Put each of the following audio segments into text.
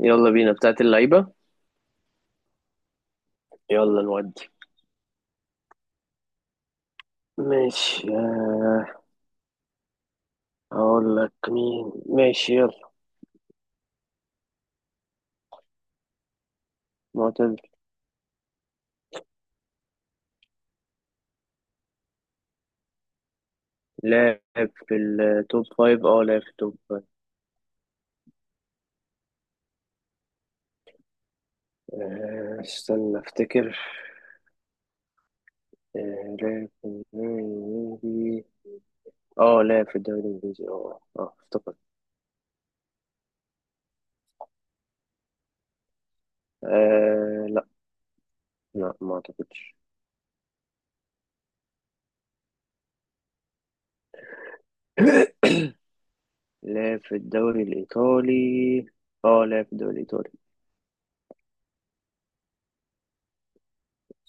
يلا بينا بتاعت اللعيبة. يلا نودي. ماشي، هقول لك مين. ماشي، يلا. معتز. لاعب في التوب فايف، اه لاعب في التوب فايف. استنى افتكر. لاعب في الدوري الانجليزي. اه لاعب في الدوري الانجليزي. اه افتكرت. آه لا، لا ما اعتقدش. لاعب في الدوري الايطالي، اه لاعب في الدوري الايطالي.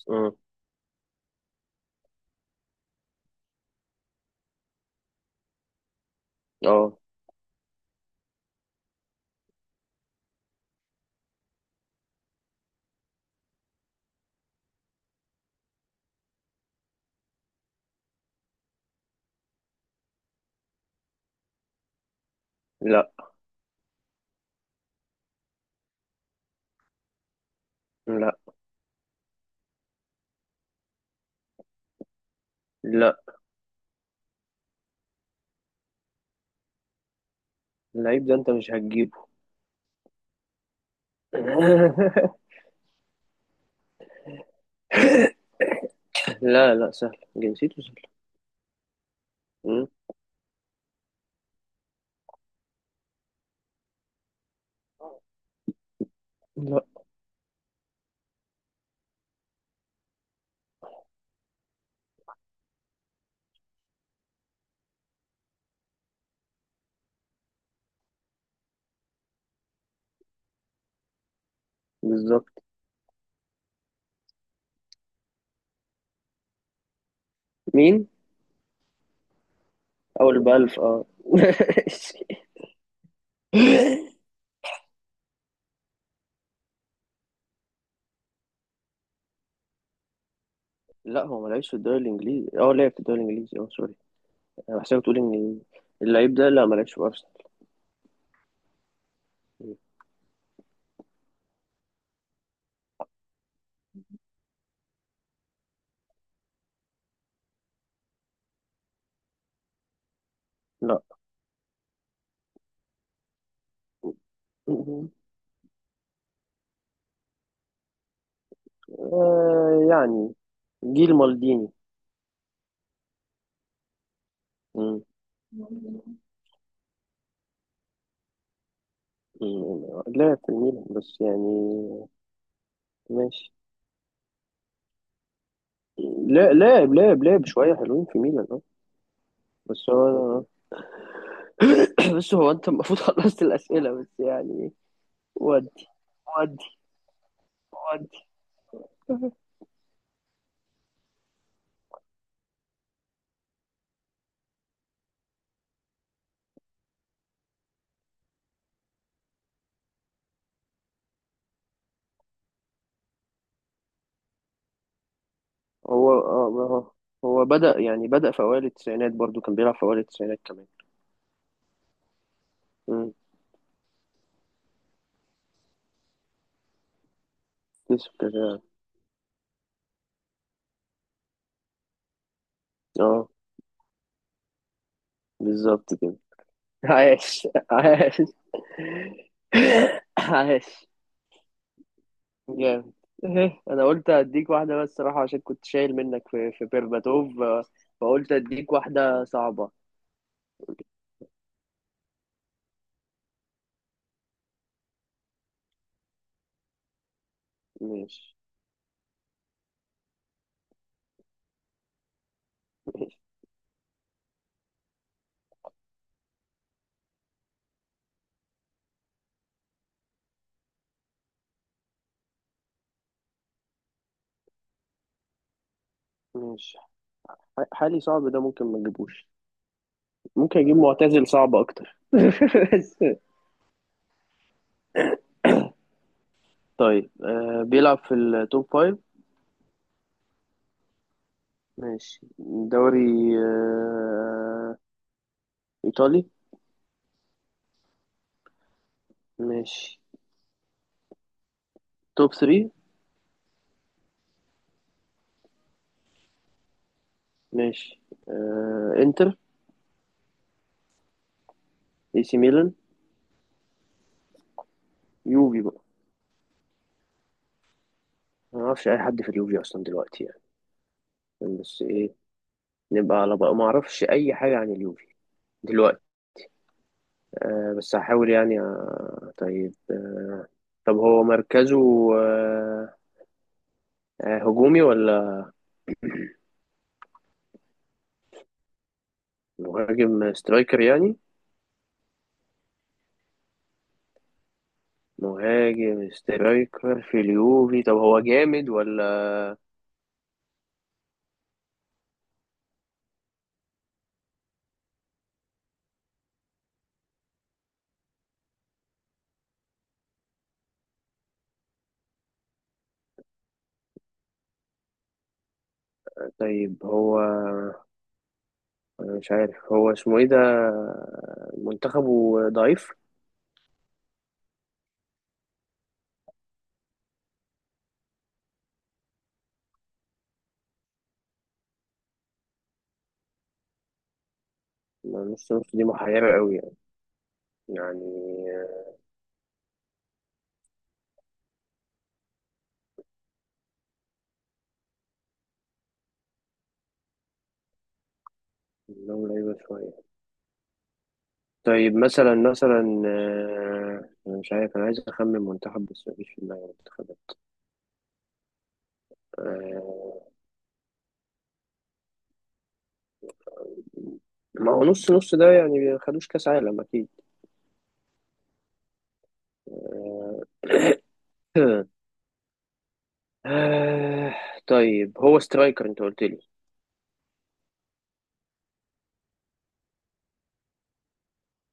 مم. اه لا لا لا. اللعيب ده انت مش هتجيبه. لا لا، سهل، جنسيته سهل. مم. لا، بالظبط. مين؟ اول بألف، اه. لا، هو ما لعبش في الدوري الانجليزي. اه لعب في الدوري الانجليزي، اه، سوري. انا بحسبك تقول ان اللعيب ده لا، ما لعبش في ارسنال. مم. لا. مم. آه يعني، جيل مالديني. مم. مم. لعب في الميلان، بس يعني ماشي. لا، لاعب شوية حلوين في ميلان، اه. بس هو بس هو انت المفروض خلصت الاسئله، بس يعني. ودي، ودي، ودي. هو اه، ما هو بدأ يعني، بدأ في اوائل التسعينات، برضو كان بيلعب في اوائل التسعينات كمان. امم. يوسف كده، اه بالظبط كده. عاش، عاش. عاش. جامد. إيه، انا قلت اديك واحده بس صراحه عشان كنت شايل منك في بيرباتوف، فقلت اديك واحده صعبه. ماشي، ماشي، ماشي. حالي صعب ده، ممكن ما نجيبوش. ممكن اجيب معتزل صعب اكتر. بس طيب، بيلعب في التوب فايف. ماشي. دوري، ايطالي. ماشي. توب 3. ماشي، آه، انتر، اي سي ميلان، يوفي بقى. ما اعرفش اي حد في اليوفي اصلا دلوقتي، يعني، بس ايه، نبقى على بقى. ما اعرفش اي حاجه عن اليوفي دلوقتي، بس هحاول يعني. طيب. طب هو مركزه، آه، هجومي ولا؟ مهاجم سترايكر يعني. مهاجم سترايكر في اليوفي. طب هو جامد ولا؟ طيب هو، أنا مش عارف هو اسمه ايه ده. منتخبه ضعيف؟ ما نص نص دي محيرة قوي يعني. يعني منهم لعيبة شوية. طيب مثلا مثلا، أنا مش عارف، أنا عايز أخمن منتخب بس مفيش في دماغي منتخبات. آه، ما هو نص نص ده يعني ما خدوش كأس عالم أكيد. آه، آه، طيب هو سترايكر أنت قلت لي.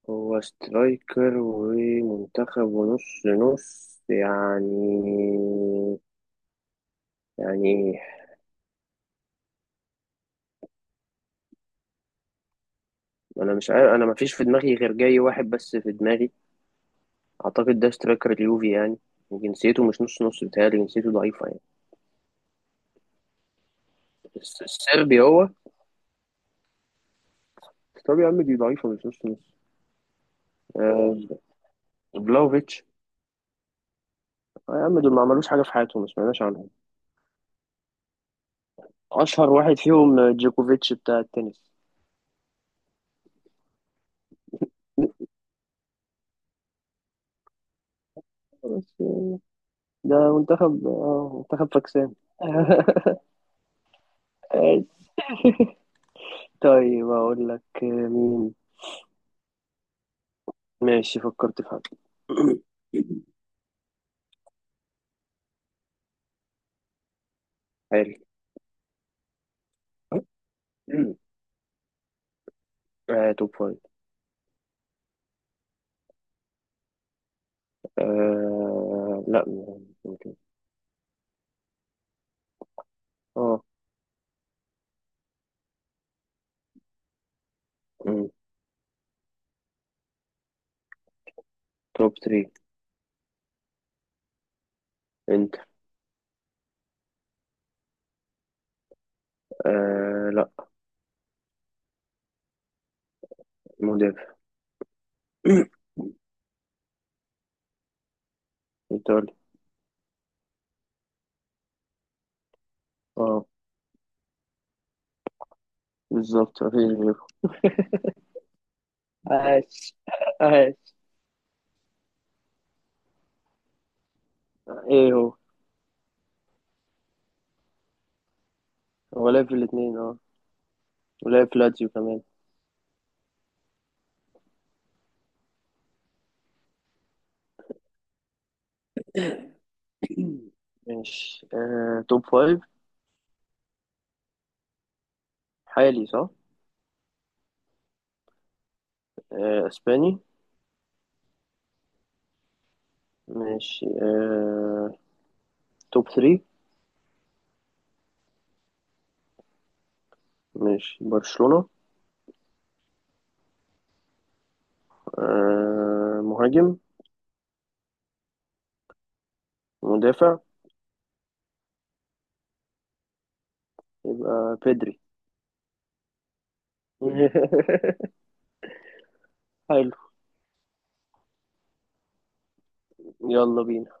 هو سترايكر ومنتخب ونص نص يعني. يعني ايه؟ انا مش عارف، انا مفيش في دماغي غير جاي واحد بس في دماغي. اعتقد ده سترايكر اليوفي يعني، وجنسيته مش نص نص، بتهيألي جنسيته ضعيفة يعني. السربي هو؟ طب يا عم دي ضعيفة مش نص نص. آه، بلاوفيتش. آه يا عم، دول ما عملوش حاجة في حياتهم، ما سمعناش عنهم. أشهر واحد فيهم جوكوفيتش بتاع التنس. بس ده منتخب، اه منتخب فاكسان. طيب أقول لك مين؟ ماشي، فكرت في حد. حلو. آه، توب فايف. آه لا، ممكن. اه. مم. توب ثري. انت. آه لا. مدافع. ايطالي. اه، بالظبط، مفيش غيره. عاش، عاش. ايه هو؟ هو لعب في الاتنين، اه. ولعب في لاتسيو كمان. ماشي، آه توب فايف. حالي، صح. آه اسباني. ماشي، آه، توب ثري. ماشي، برشلونة. آه مهاجم. مدافع. يبقى بيدري. حلو. يلا بينا.